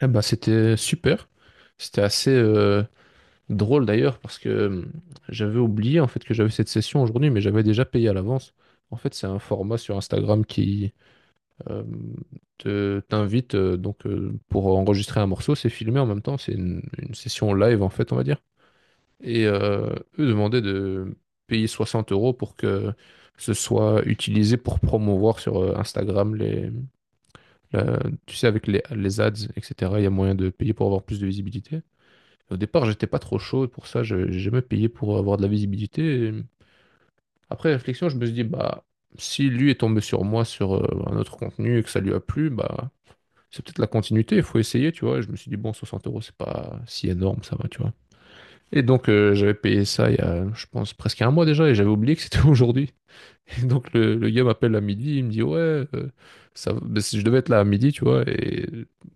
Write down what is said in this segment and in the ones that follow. C'était super. C'était assez drôle d'ailleurs parce que j'avais oublié en fait que j'avais cette session aujourd'hui, mais j'avais déjà payé à l'avance. En fait, c'est un format sur Instagram qui euh, te t'invite donc pour enregistrer un morceau, c'est filmé en même temps, c'est une session live en fait, on va dire. Et euh, eux demandaient de payer 60 euros pour que ce soit utilisé pour promouvoir sur Instagram la- tu sais, avec les ads, etc. Il y a moyen de payer pour avoir plus de visibilité. Au départ, j'étais pas trop chaud pour ça, j'ai jamais payé pour avoir de la visibilité. Après réflexion, je me suis dit, bah, si lui est tombé sur moi sur un autre contenu et que ça lui a plu, bah, c'est peut-être la continuité, il faut essayer, tu vois. Et je me suis dit, bon, 60 euros, c'est pas si énorme, ça va, tu vois. Et donc, j'avais payé ça il y a, je pense, presque un mois déjà et j'avais oublié que c'était aujourd'hui. Et donc, le gars m'appelle à midi, il me dit, ouais, euh, ben, si je devais être là à midi, tu vois. Et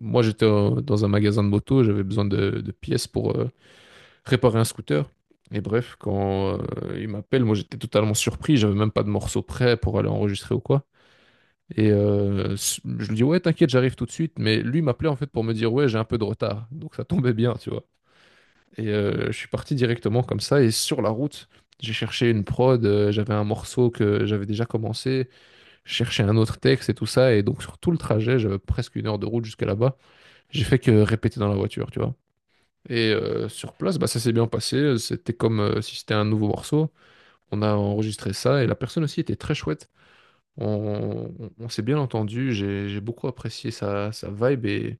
moi, dans un magasin de moto, j'avais besoin de pièces pour. Réparer un scooter. Et bref, quand il m'appelle, moi j'étais totalement surpris, j'avais même pas de morceau prêt pour aller enregistrer ou quoi. Je lui dis ouais, t'inquiète, j'arrive tout de suite. Mais lui m'appelait en fait pour me dire ouais, j'ai un peu de retard. Donc ça tombait bien, tu vois. Je suis parti directement comme ça. Et sur la route, j'ai cherché une prod, j'avais un morceau que j'avais déjà commencé, je cherchais un autre texte et tout ça. Et donc sur tout le trajet, j'avais presque une heure de route jusqu'à là-bas. J'ai fait que répéter dans la voiture, tu vois. Sur place, bah, ça s'est bien passé. C'était comme si c'était un nouveau morceau. On a enregistré ça et la personne aussi était très chouette. On s'est bien entendu. J'ai beaucoup apprécié sa vibe et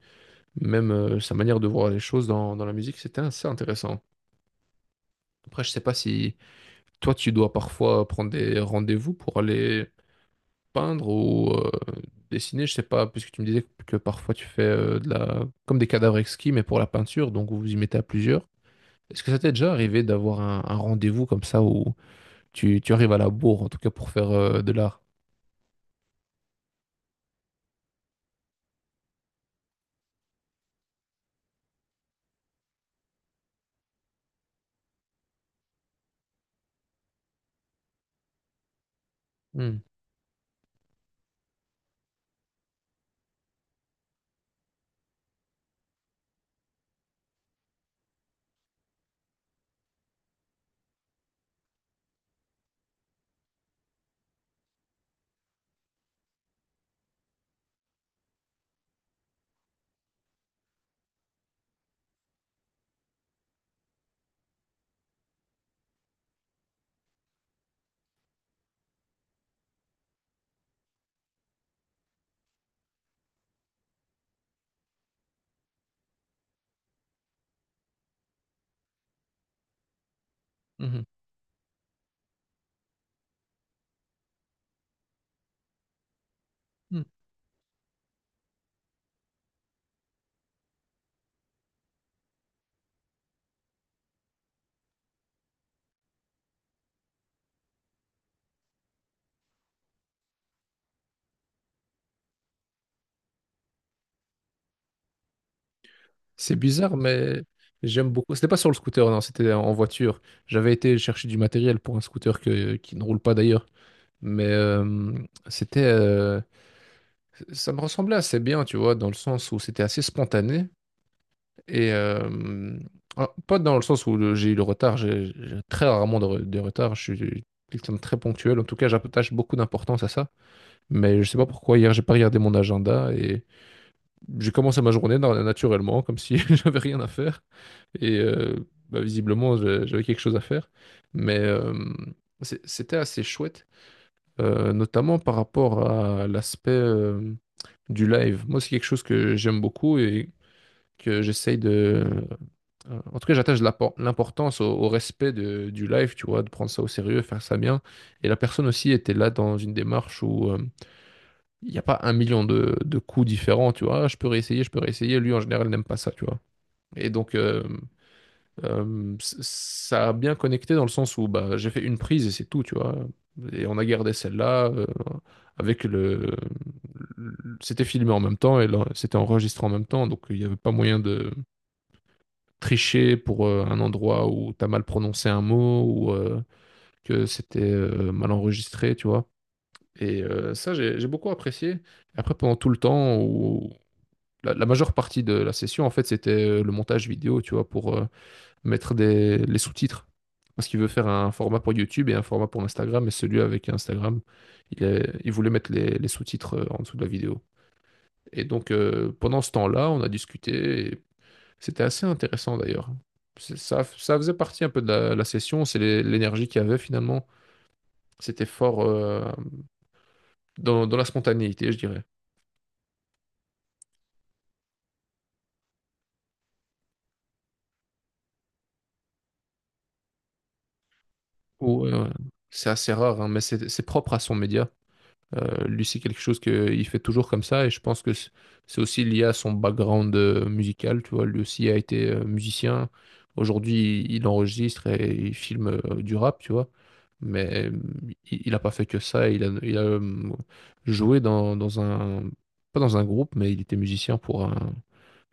même sa manière de voir les choses dans la musique. C'était assez intéressant. Après, je sais pas si toi, tu dois parfois prendre des rendez-vous pour aller peindre ou dessiner. Je sais pas, puisque tu me disais que parfois tu fais de la comme des cadavres exquis, mais pour la peinture. Donc, vous vous y mettez à plusieurs. Est-ce que ça t'est déjà arrivé d'avoir un rendez-vous comme ça où tu arrives à la bourre, en tout cas pour faire de l'art? Hmm, mhm, hmm. C'est bizarre, mais j'aime beaucoup. C'était pas sur le scooter, non, c'était en voiture. J'avais été chercher du matériel pour un scooter qui ne roule pas d'ailleurs. Mais euh, c'était, ça me ressemblait assez bien, tu vois, dans le sens où c'était assez spontané. Et euh, pas dans le sens où j'ai eu le retard, j'ai très rarement de retard. Je suis quelqu'un de très ponctuel. En tout cas, j'attache beaucoup d'importance à ça. Mais je sais pas pourquoi, hier, j'ai pas regardé mon agenda et j'ai commencé ma journée naturellement, comme si j'avais rien à faire. Et euh, bah, visiblement, j'avais quelque chose à faire. Mais euh, C'était assez chouette, notamment par rapport à l'aspect du live. Moi, c'est quelque chose que j'aime beaucoup et que j'essaye de En tout cas, j'attache l'importance au respect du live, tu vois, de prendre ça au sérieux, faire ça bien. Et la personne aussi était là dans une démarche où il n'y a pas un million de coups différents, tu vois. Ah, je peux réessayer, je peux réessayer. Lui, en général, n'aime pas ça, tu vois. Et donc, euh, Ça a bien connecté dans le sens où bah, j'ai fait une prise et c'est tout, tu vois. Et on a gardé celle-là avec le... C'était filmé en même temps et c'était enregistré en même temps, donc il n'y avait pas moyen de tricher pour un endroit où t'as mal prononcé un mot ou que c'était mal enregistré, tu vois. Ça, j'ai beaucoup apprécié. Après, pendant tout le temps où la majeure partie de la session, en fait, c'était le montage vidéo, tu vois, pour mettre les sous-titres. Parce qu'il veut faire un format pour YouTube et un format pour Instagram. Et celui avec Instagram, il voulait mettre les sous-titres en dessous de la vidéo. Et donc, pendant ce temps-là, on a discuté. C'était assez intéressant d'ailleurs. Ça, ça faisait partie un peu de la session. L'énergie qu'il y avait finalement. C'était fort dans la spontanéité, je dirais. Ou, euh, c'est assez rare, hein, mais c'est propre à son média. Lui, c'est quelque chose qu'il fait toujours comme ça et je pense que c'est aussi lié à son background musical. Tu vois, lui aussi a été musicien. Aujourd'hui, il enregistre et il filme du rap, tu vois. Mais euh, il n'a pas fait que ça. Il a joué dans un Pas dans un groupe, mais il était musicien pour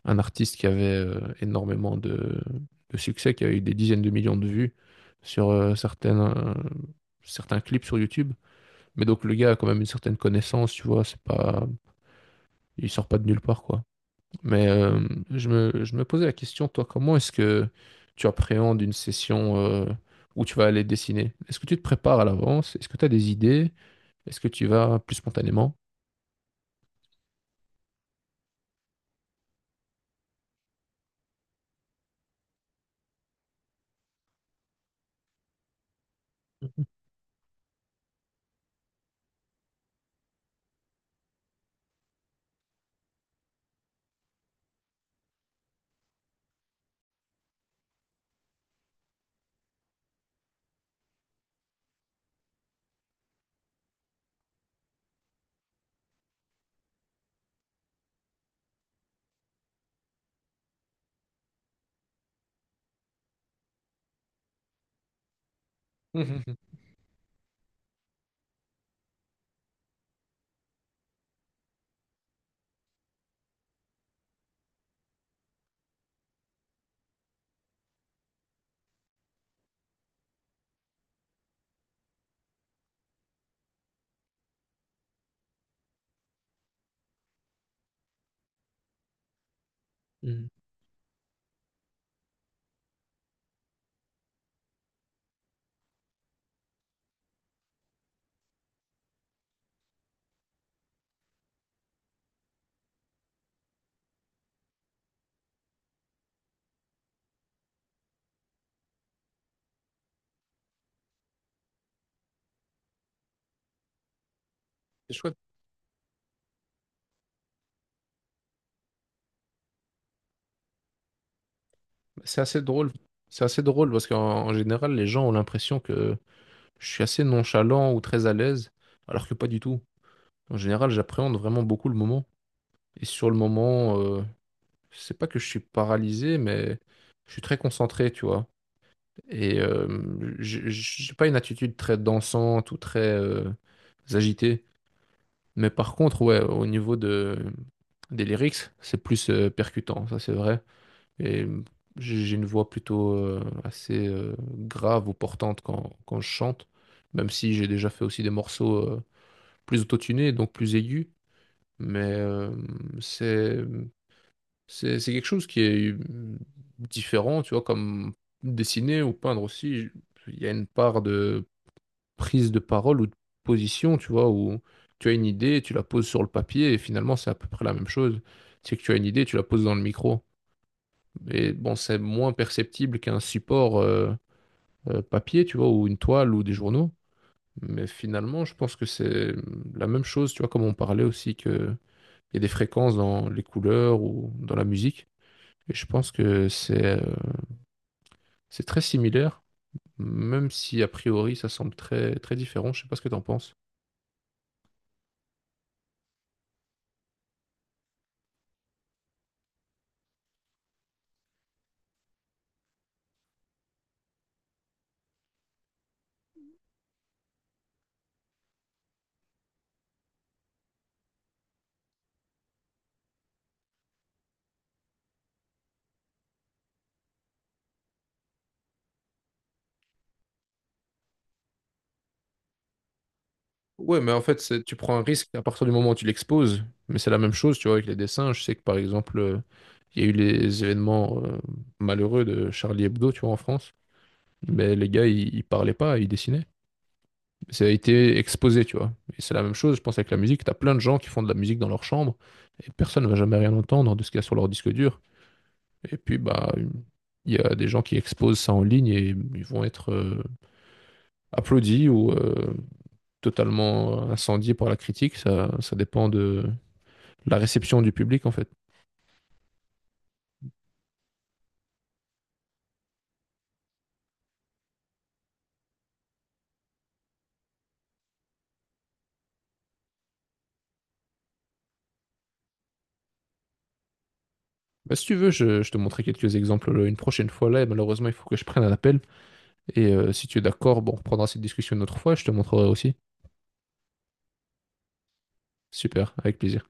un artiste qui avait énormément de succès, qui a eu des dizaines de millions de vues sur certains clips sur YouTube. Mais donc le gars a quand même une certaine connaissance, tu vois, c'est pas, il sort pas de nulle part, quoi. Mais euh, je me posais la question, toi, comment est-ce que tu appréhendes une session où tu vas aller dessiner? Est-ce que tu te prépares à l'avance? Est-ce que tu as des idées? Est-ce que tu vas plus spontanément? Mhm. Mhm. C'est chouette. C'est assez drôle. C'est assez drôle parce qu'en en général, les gens ont l'impression que je suis assez nonchalant ou très à l'aise, alors que pas du tout. En général, j'appréhende vraiment beaucoup le moment. Et sur le moment, c'est pas que je suis paralysé, mais je suis très concentré, tu vois. Et euh, j'ai pas une attitude très dansante ou très agitée. Mais par contre, ouais, au niveau des lyrics, c'est plus percutant, ça c'est vrai. Et euh, j'ai une voix plutôt assez grave ou portante quand je chante, même si j'ai déjà fait aussi des morceaux plus autotunés, donc plus aigus. Mais euh, c'est c'est quelque chose qui est différent, tu vois, comme dessiner ou peindre aussi. Il y a une part de prise de parole ou de position, tu vois, où tu as une idée, tu la poses sur le papier et finalement c'est à peu près la même chose. C'est que tu as une idée, tu la poses dans le micro. Et bon, c'est moins perceptible qu'un support papier, tu vois, ou une toile ou des journaux. Mais finalement, je pense que c'est la même chose, tu vois, comme on parlait aussi que il y a des fréquences dans les couleurs ou dans la musique. Et je pense que c'est très similaire, même si a priori ça semble très, très différent. Je sais pas ce que t'en penses. Ouais, mais en fait, tu prends un risque à partir du moment où tu l'exposes. Mais c'est la même chose, tu vois, avec les dessins. Je sais que par exemple, il y a eu les événements malheureux de Charlie Hebdo, tu vois, en France. Mais les gars, ils parlaient pas, ils dessinaient. Ça a été exposé, tu vois. Et c'est la même chose, je pense, avec la musique. T'as plein de gens qui font de la musique dans leur chambre et personne ne va jamais rien entendre de ce qu'il y a sur leur disque dur. Et puis, bah, il y a des gens qui exposent ça en ligne et ils vont être applaudis ou totalement incendiés par la critique. Ça dépend de la réception du public, en fait. Bah, si tu veux, je te montrerai quelques exemples une prochaine fois là. Et malheureusement, il faut que je prenne un appel. Si tu es d'accord, bon, on reprendra cette discussion une autre fois et je te montrerai aussi. Super, avec plaisir.